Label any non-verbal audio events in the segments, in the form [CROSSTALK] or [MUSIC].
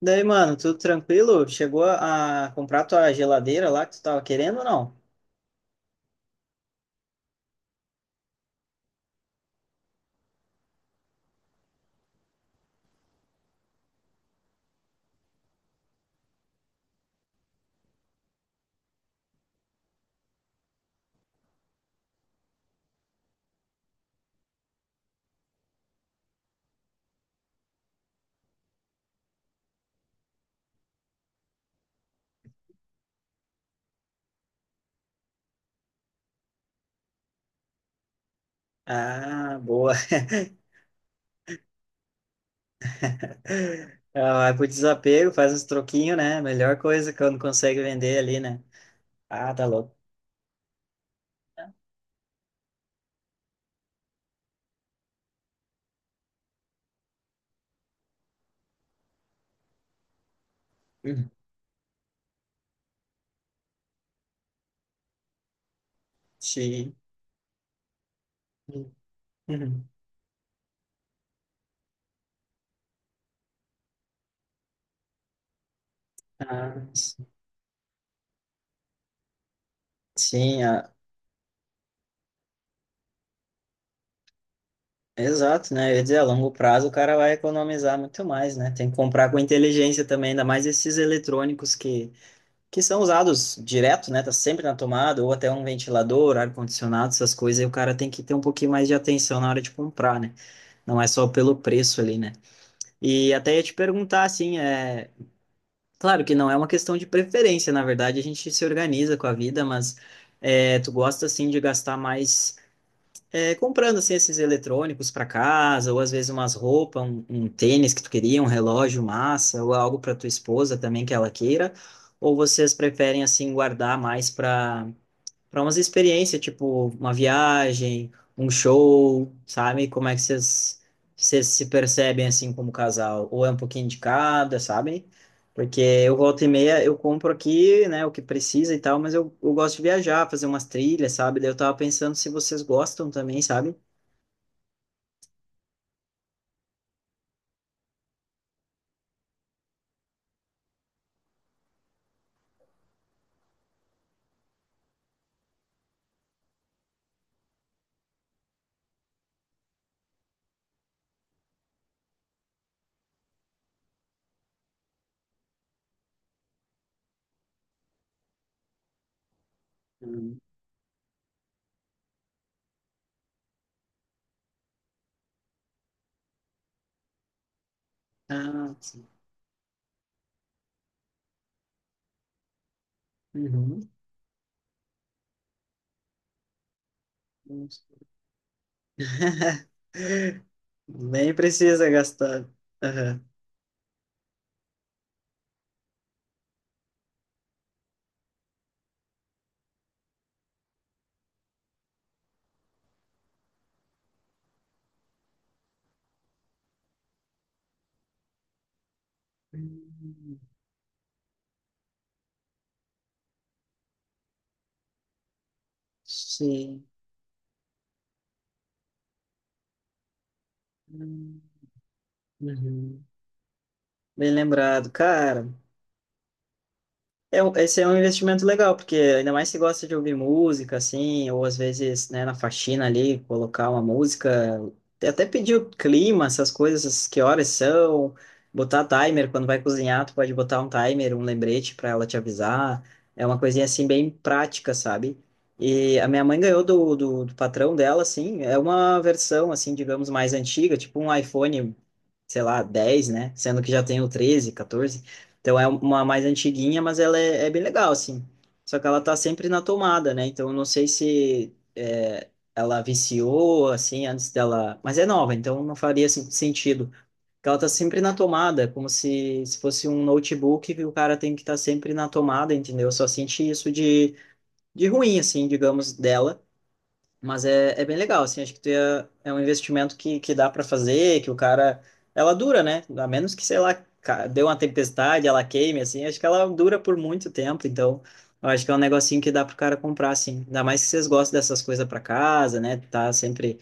Daí, mano, tudo tranquilo? Chegou a comprar tua geladeira lá que tu tava querendo ou não? Ah, boa. [LAUGHS] Ah, vai pro desapego, faz uns troquinhos, né? Melhor coisa quando consegue vender ali, né? Ah, tá louco. Uhum. Sim. Uhum. Ah, sim. Sim, ah, exato, né? Eu ia dizer, a longo prazo o cara vai economizar muito mais, né? Tem que comprar com inteligência também, ainda mais esses eletrônicos que são usados direto, né? Tá sempre na tomada, ou até um ventilador, ar-condicionado, essas coisas, e o cara tem que ter um pouquinho mais de atenção na hora de comprar, né? Não é só pelo preço ali, né? E até ia te perguntar, assim, é. Claro que não é uma questão de preferência, na verdade, a gente se organiza com a vida, mas é, tu gosta, assim, de gastar mais é, comprando assim esses eletrônicos para casa, ou às vezes umas roupas, um tênis que tu queria, um relógio massa, ou algo para tua esposa também que ela queira, ou vocês preferem assim guardar mais para umas experiências, tipo uma viagem, um show, sabe? Como é que vocês se percebem assim como casal? Ou é um pouquinho de cada, sabe? Porque eu volta e meia, eu compro aqui, né, o que precisa e tal, mas eu gosto de viajar, fazer umas trilhas, sabe? Daí eu tava pensando se vocês gostam também, sabe? Hum. Ah, sim. Uhum. Nem precisa gastar. Aham. Hum. Sim. Hum. Uhum. Bem lembrado, cara. É, esse é um investimento legal, porque ainda mais se gosta de ouvir música, assim, ou às vezes, né, na faxina ali, colocar uma música, até pedir o clima, essas coisas, que horas são, botar timer, quando vai cozinhar, tu pode botar um timer, um lembrete para ela te avisar, é uma coisinha, assim, bem prática, sabe? E a minha mãe ganhou do patrão dela, assim, é uma versão, assim, digamos, mais antiga, tipo um iPhone sei lá, 10 né? Sendo que já tem o 13, 14. Então é uma mais antiguinha, mas ela é, é bem legal, assim. Só que ela tá sempre na tomada, né? Então eu não sei se é, ela viciou, assim, antes dela. Mas é nova, então não faria assim, sentido. Porque ela tá sempre na tomada, como se fosse um notebook que o cara tem que estar sempre na tomada, entendeu? Eu só senti isso de ruim, assim, digamos, dela. Mas é, é bem legal, assim, acho que é um investimento que dá para fazer, que o cara, ela dura, né? A menos que, sei lá, deu uma tempestade, ela queime, assim, acho que ela dura por muito tempo, então eu acho que é um negocinho que dá pro cara comprar, assim. Ainda mais que vocês gostam dessas coisas para casa, né? Tá sempre,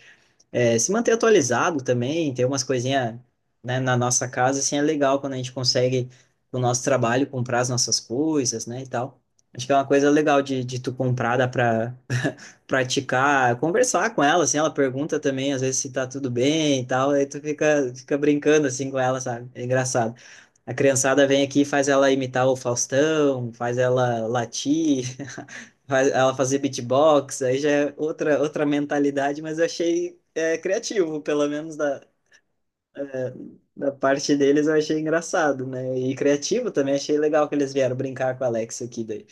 é, se manter atualizado também, ter umas coisinhas, né, na nossa casa, assim, é legal quando a gente consegue, com o nosso trabalho, comprar as nossas coisas, né, e tal. Acho que é uma coisa legal de tu comprar, dá pra praticar, conversar com ela, assim, ela pergunta também, às vezes, se tá tudo bem e tal, aí tu fica, fica brincando, assim, com ela, sabe? É engraçado. A criançada vem aqui e faz ela imitar o Faustão, faz ela latir, [LAUGHS] faz ela fazer beatbox, aí já é outra, outra mentalidade, mas eu achei é, criativo, pelo menos da, da parte deles eu achei engraçado, né? E criativo também, achei legal que eles vieram brincar com a Alexa aqui daí.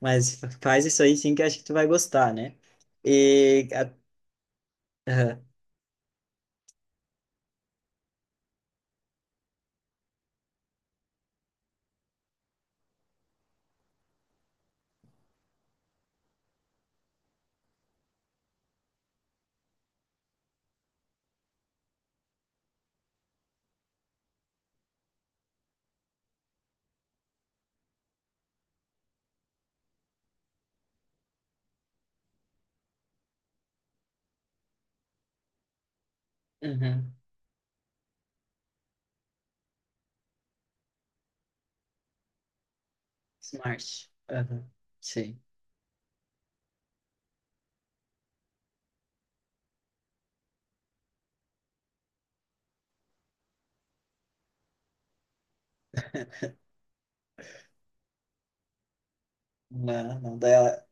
Mas faz isso aí sim que acho que tu vai gostar, né? E Uhum. Smart. Uhum. Sim. Não, não dá.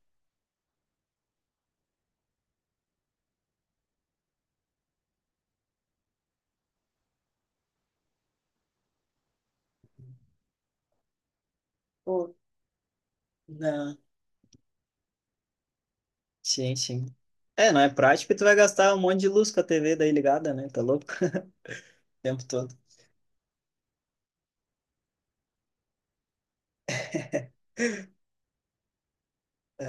Pô, não. Sim, sim. É, não é prático e tu vai gastar um monte de luz com a TV daí ligada, né? Tá louco? [LAUGHS] O tempo todo.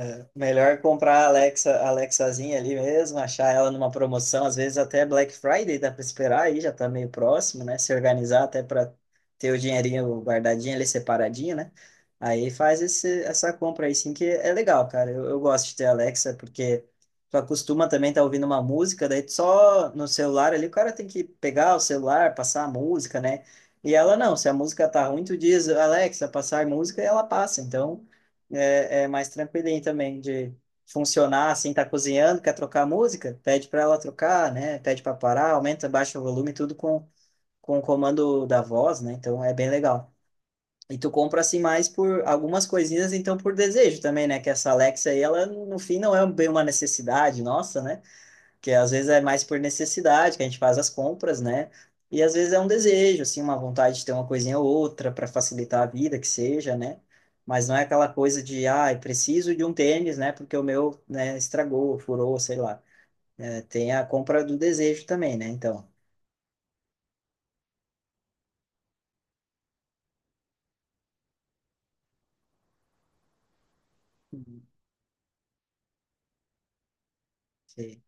É, melhor comprar a Alexa, a Alexazinha ali mesmo, achar ela numa promoção, às vezes até Black Friday dá para esperar aí, já tá meio próximo, né? Se organizar até para ter o dinheirinho guardadinho ali separadinho, né? Aí faz esse, essa compra aí sim, que é legal, cara. Eu gosto de ter a Alexa, porque tu acostuma também estar tá ouvindo uma música, daí tu só no celular ali o cara tem que pegar o celular, passar a música, né? E ela não, se a música tá ruim, tu diz, Alexa, passar música, e ela passa. Então, é, é mais tranquilinho também de funcionar assim, tá cozinhando, quer trocar a música, pede para ela trocar, né? Pede para parar, aumenta, baixa o volume, tudo com o comando da voz, né? Então é bem legal. E tu compra assim mais por algumas coisinhas, então por desejo também, né? Que essa Alexa aí, ela no fim não é bem uma necessidade nossa, né? Que às vezes é mais por necessidade que a gente faz as compras, né? E às vezes é um desejo, assim, uma vontade de ter uma coisinha ou outra para facilitar a vida, que seja, né? Mas não é aquela coisa de, ah, eu preciso de um tênis, né? Porque o meu, né, estragou, furou, sei lá. É, tem a compra do desejo também, né? Então, sim.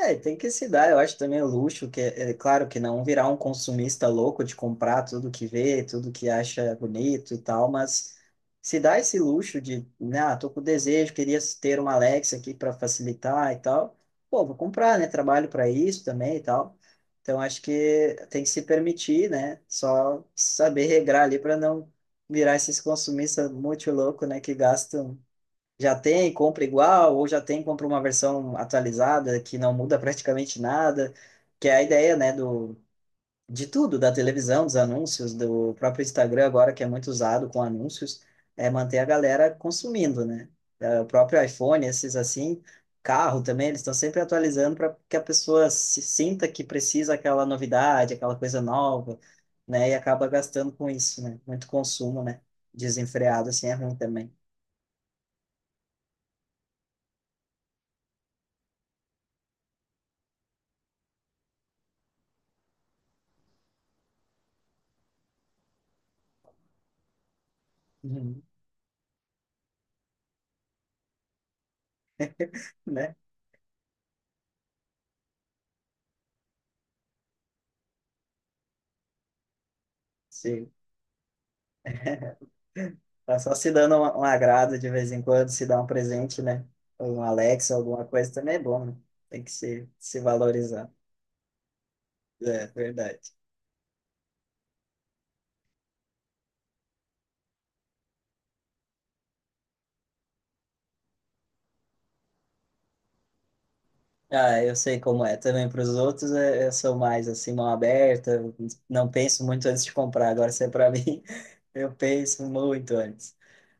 É, tem que se dar, eu acho também o luxo, que é, é claro que não virar um consumista louco de comprar tudo que vê, tudo que acha bonito e tal, mas se dá esse luxo de, né, ah, tô com desejo, queria ter uma Alexa aqui para facilitar e tal, pô, vou comprar, né, trabalho para isso também e tal. Então acho que tem que se permitir, né, só saber regrar ali para não virar esses consumistas muito louco, né, que gastam já tem, compra igual, ou já tem, compra uma versão atualizada que não muda [LAUGHS] praticamente nada, que é a ideia, né, do, de tudo, da televisão, dos anúncios, do próprio Instagram agora, que é muito usado com anúncios, é manter a galera consumindo, né? É, o próprio iPhone, esses assim, carro também, eles estão sempre atualizando para que a pessoa se sinta que precisa aquela novidade, aquela coisa nova, né? E acaba gastando com isso, né? Muito consumo, né? Desenfreado, assim, é ruim também. Uhum. Né? Sim. Tá só se dando um agrado de vez em quando, se dar um presente, né? Ou um Alexa, alguma coisa também é bom, né? Tem que se valorizar. É, verdade. Ah, eu sei como é. Também para os outros, eu sou mais assim, mão aberta, não penso muito antes de comprar. Agora, se é para [LAUGHS] mim, eu penso muito antes.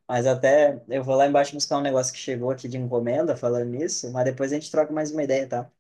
Mas até eu vou lá embaixo buscar um negócio que chegou aqui de encomenda, falando nisso, mas depois a gente troca mais uma ideia, tá?